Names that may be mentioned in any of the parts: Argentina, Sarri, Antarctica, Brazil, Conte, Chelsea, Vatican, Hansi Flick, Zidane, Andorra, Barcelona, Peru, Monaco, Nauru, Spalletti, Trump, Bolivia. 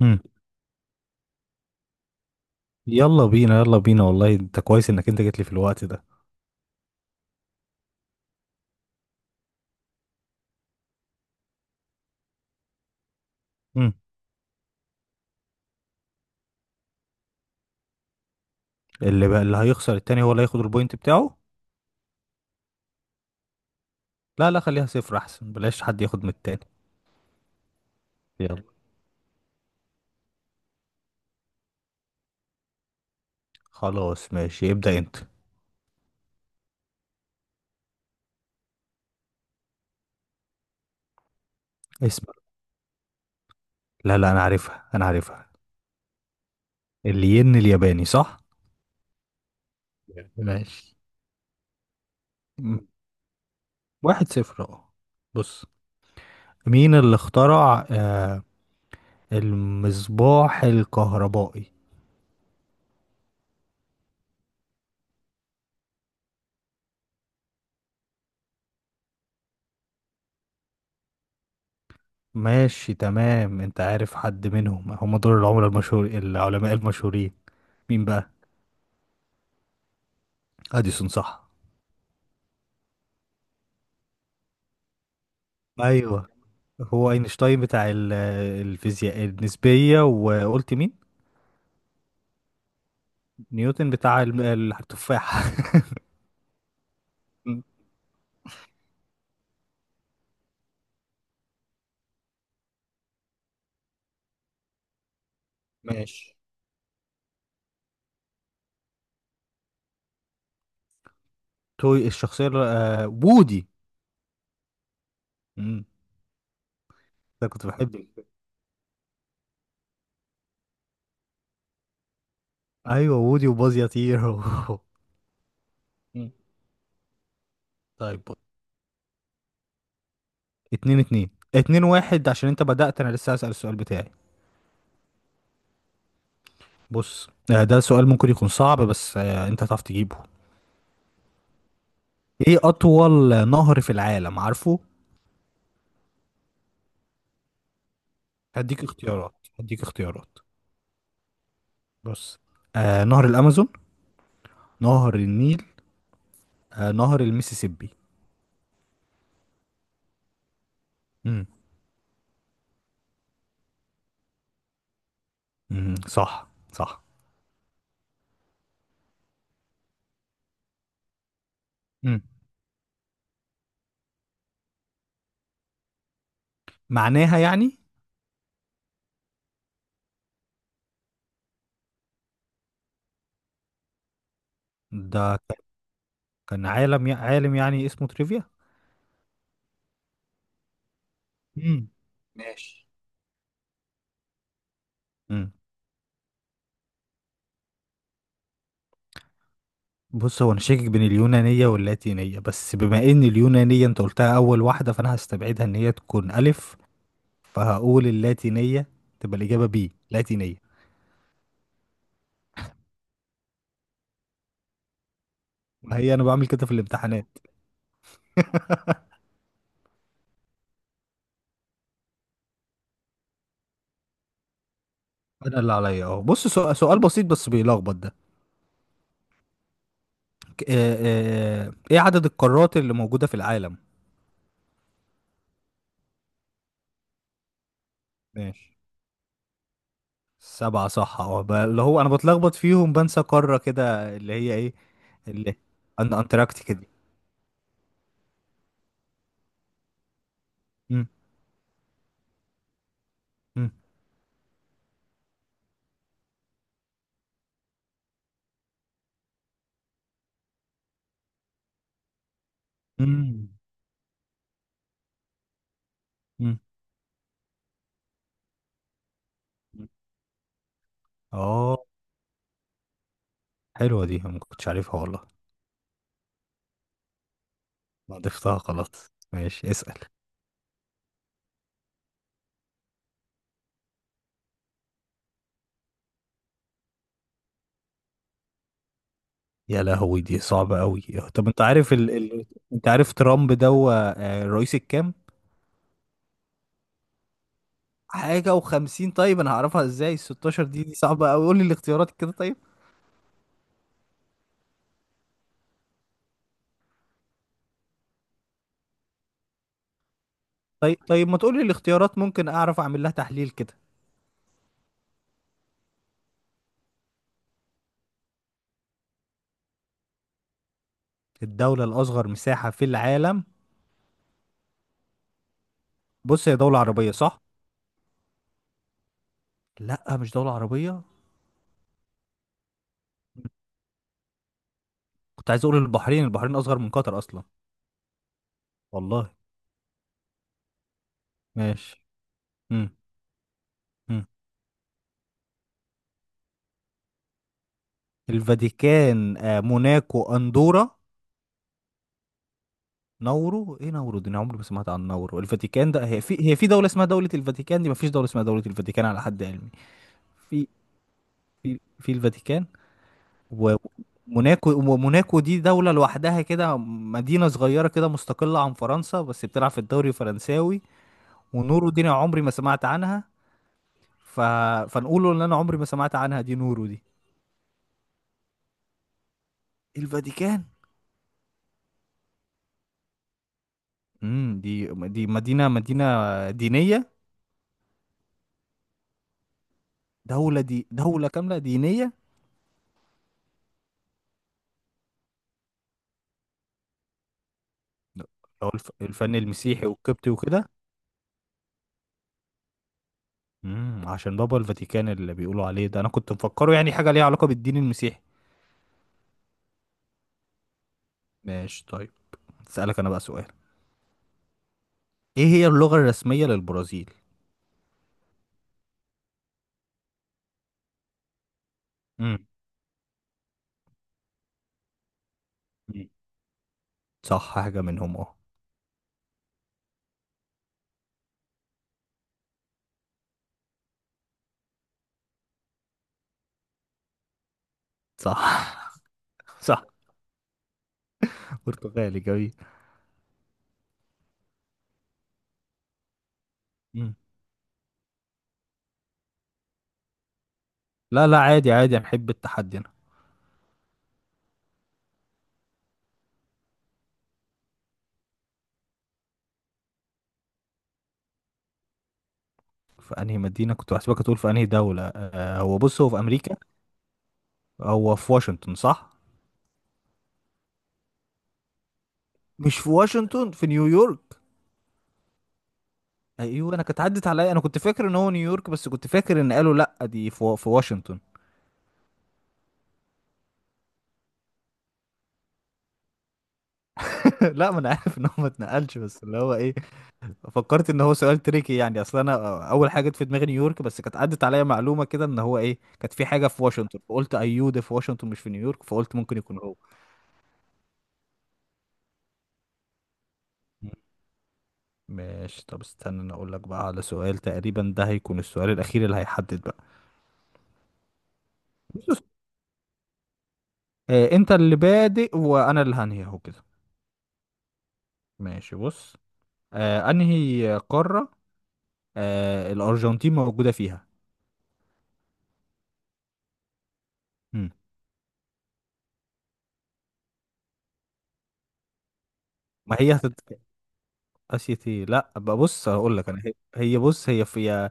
مم. يلا بينا، يلا بينا. والله انت كويس انك انت جيت لي في الوقت ده. مم. اللي هيخسر التاني هو اللي هياخد البوينت بتاعه. لا لا، خليها صفر، احسن بلاش حد ياخد من التاني. يلا. خلاص ماشي، ابدأ انت. اسمع. لا لا، انا عارفها انا عارفها. الين الياباني، صح. ماشي. مم. واحد صفر، اه. بص. مين اللي اخترع المصباح الكهربائي؟ ماشي تمام. انت عارف حد منهم؟ هم دول العملاء المشهور العلماء المشهورين. مين بقى؟ اديسون، صح. ايوه. هو اينشتاين بتاع الفيزياء النسبيه، وقلت مين؟ نيوتن بتاع التفاح م. ماشي. توي الشخصيه وودي. مم. ده كنت بحبه. ايوه، وودي وباز يطير مم. طيب بص. اتنين اتنين، اتنين واحد، عشان انت بدأت، انا لسه هسأل السؤال بتاعي. بص، ده سؤال ممكن يكون صعب، بس انت هتعرف تجيبه. ايه اطول نهر في العالم، عارفه؟ هديك اختيارات، هديك اختيارات. بص. نهر الامازون، نهر النيل، نهر المسيسيبي. امم امم، صح صح. امم معناها يعني. ده كان عالم، عالم يعني اسمه تريفيا. امم. ماشي. امم. بص، هو انا شاكك بين اليونانيه واللاتينيه، بس بما ان اليونانيه انت قلتها اول واحده، فانا هستبعدها ان هي تكون الف. فهقول اللاتينيه، تبقى الاجابه بي لاتينيه. وهي انا بعمل كده في الامتحانات. انا اللي عليا اهو. بص، سؤال بسيط بس بيلخبط ده. ايه عدد القارات اللي موجودة في العالم؟ ماشي. سبعة، صح. اه، اللي هو انا بتلخبط فيهم، بنسى قارة كده اللي هي ايه. اللي أن انتاركتيكا دي. مم، مم، مم، مم. اه، حلوة دي، أنا ما كنتش عارفها والله. أنا ضفتها خلاص. ماشي، اسأل. يا لهوي، دي صعبة قوي. طب انت عارف انت عارف ترامب ده هو الرئيس الكام؟ حاجة وخمسين؟ طيب انا هعرفها ازاي الستاشر دي صعبة قوي، قول لي الاختيارات كده طيب. طيب طيب، ما تقولي الاختيارات ممكن اعرف اعمل لها تحليل كده. الدولة الأصغر مساحة في العالم. بص، هي دولة عربية، صح؟ لا، مش دولة عربية. كنت عايز أقول البحرين. البحرين أصغر من قطر أصلا. والله. ماشي. مم. مم. الفاتيكان، موناكو، أندورا. نورو؟ إيه نورو دي؟ أنا عمري ما سمعت عن نورو. الفاتيكان ده، هي في دولة اسمها دولة الفاتيكان دي؟ ما فيش دولة اسمها دولة الفاتيكان على حد علمي. في في الفاتيكان. وموناكو. وموناكو دي دولة لوحدها كده، مدينة صغيرة كده مستقلة عن فرنسا، بس بتلعب في الدوري الفرنساوي. ونورو دي أنا عمري ما سمعت عنها. ف... فنقوله ان انا عمري ما سمعت عنها، دي نورو دي. الفاتيكان. امم، دي مدينة دينية. دولة، دي دولة كاملة دينية. أو الفن المسيحي والقبطي وكده. عشان بابا الفاتيكان اللي بيقولوا عليه ده، انا كنت مفكره يعني حاجة ليها علاقة بالدين المسيحي. ماشي طيب. اسألك انا بقى سؤال. ايه هي اللغة الرسمية للبرازيل؟ مم. مم. صح، حاجة منهم، اه. صح صح، برتغالي، جميل. مم. لا لا، عادي عادي، أنا بحب التحدي أنا. في أنهي مدينة؟ كنت بحسبك هتقول في أنهي دولة. هو بص، هو في أمريكا. هو في واشنطن، صح؟ مش في واشنطن، في نيويورك. أيوه، أنا كانت عدت عليا، أنا كنت فاكر إن هو نيويورك، بس كنت فاكر إن قالوا لأ، دي في واشنطن. لا ما أنا عارف إن هو ما اتنقلش، بس اللي هو إيه، فكرت ان هو سؤال تريكي يعني، اصل انا اول حاجه جت في دماغي نيويورك، بس كانت عدت عليا معلومه كده ان هو ايه، كانت في حاجه في واشنطن، فقلت ايوه ده في واشنطن مش في نيويورك، فقلت ممكن يكون هو. ماشي. طب استنى انا اقول لك بقى على سؤال، تقريبا ده هيكون السؤال الاخير اللي هيحدد بقى. بص، انت اللي بادئ وانا اللي هنهي اهو كده. ماشي بص. انهي قاره الارجنتين موجوده فيها؟ مم. ما هي اسيا، ايه، لا بقى. بص هقول لك انا، هي بص، هي في.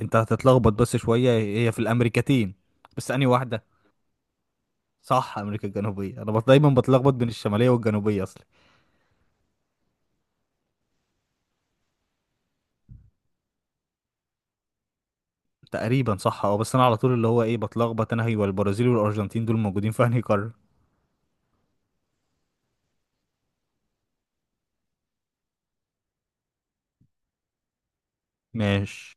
انت هتتلخبط بس شوية، هي في الامريكتين، بس انهي واحدة؟ صح، امريكا الجنوبية. انا دايما بتلخبط بين الشمالية والجنوبية اصلا. تقريبا صح، اه. بس انا على طول اللي هو ايه بتلخبط، انا هي والبرازيل والارجنتين دول موجودين في انهي قارة. ماشي.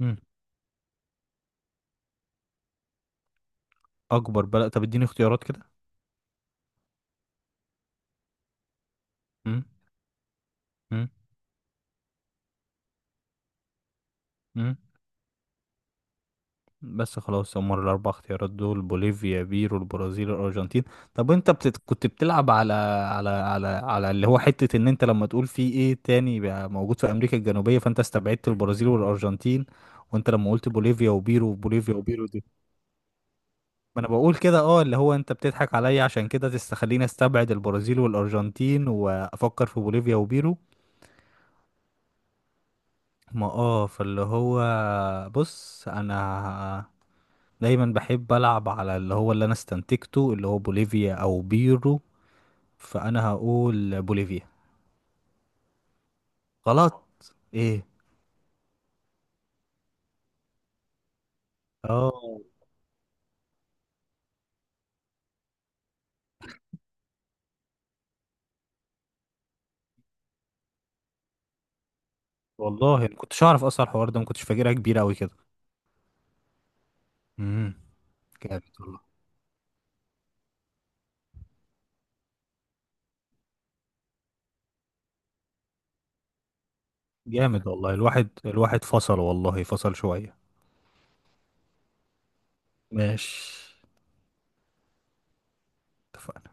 مم. اكبر بلد. طب اديني اختيارات كده. مم. مم. مم. بس خلاص، هم الأربع اختيارات دول: بوليفيا، بيرو، البرازيل، الأرجنتين. طب أنت كنت بتلعب على اللي هو حتة إن أنت لما تقول في إيه تاني بقى موجود في أمريكا الجنوبية، فأنت استبعدت البرازيل والأرجنتين. وأنت لما قلت بوليفيا وبيرو، بوليفيا وبيرو دي. ما أنا بقول كده. أه، اللي هو أنت بتضحك عليا عشان كده تستخليني أستبعد البرازيل والأرجنتين وأفكر في بوليفيا وبيرو. ما فاللي هو، بص أنا دايما بحب ألعب على اللي هو اللي أنا استنتجته، اللي هو بوليفيا أو بيرو. فأنا هقول بوليفيا. غلط؟ إيه. آه والله ما كنتش أعرف أصلا الحوار ده، ما كنتش فاكرها كبيرة أوي كده. امم. جامد والله، جامد والله. الواحد الواحد فصل والله، فصل شوية. ماشي. اتفقنا.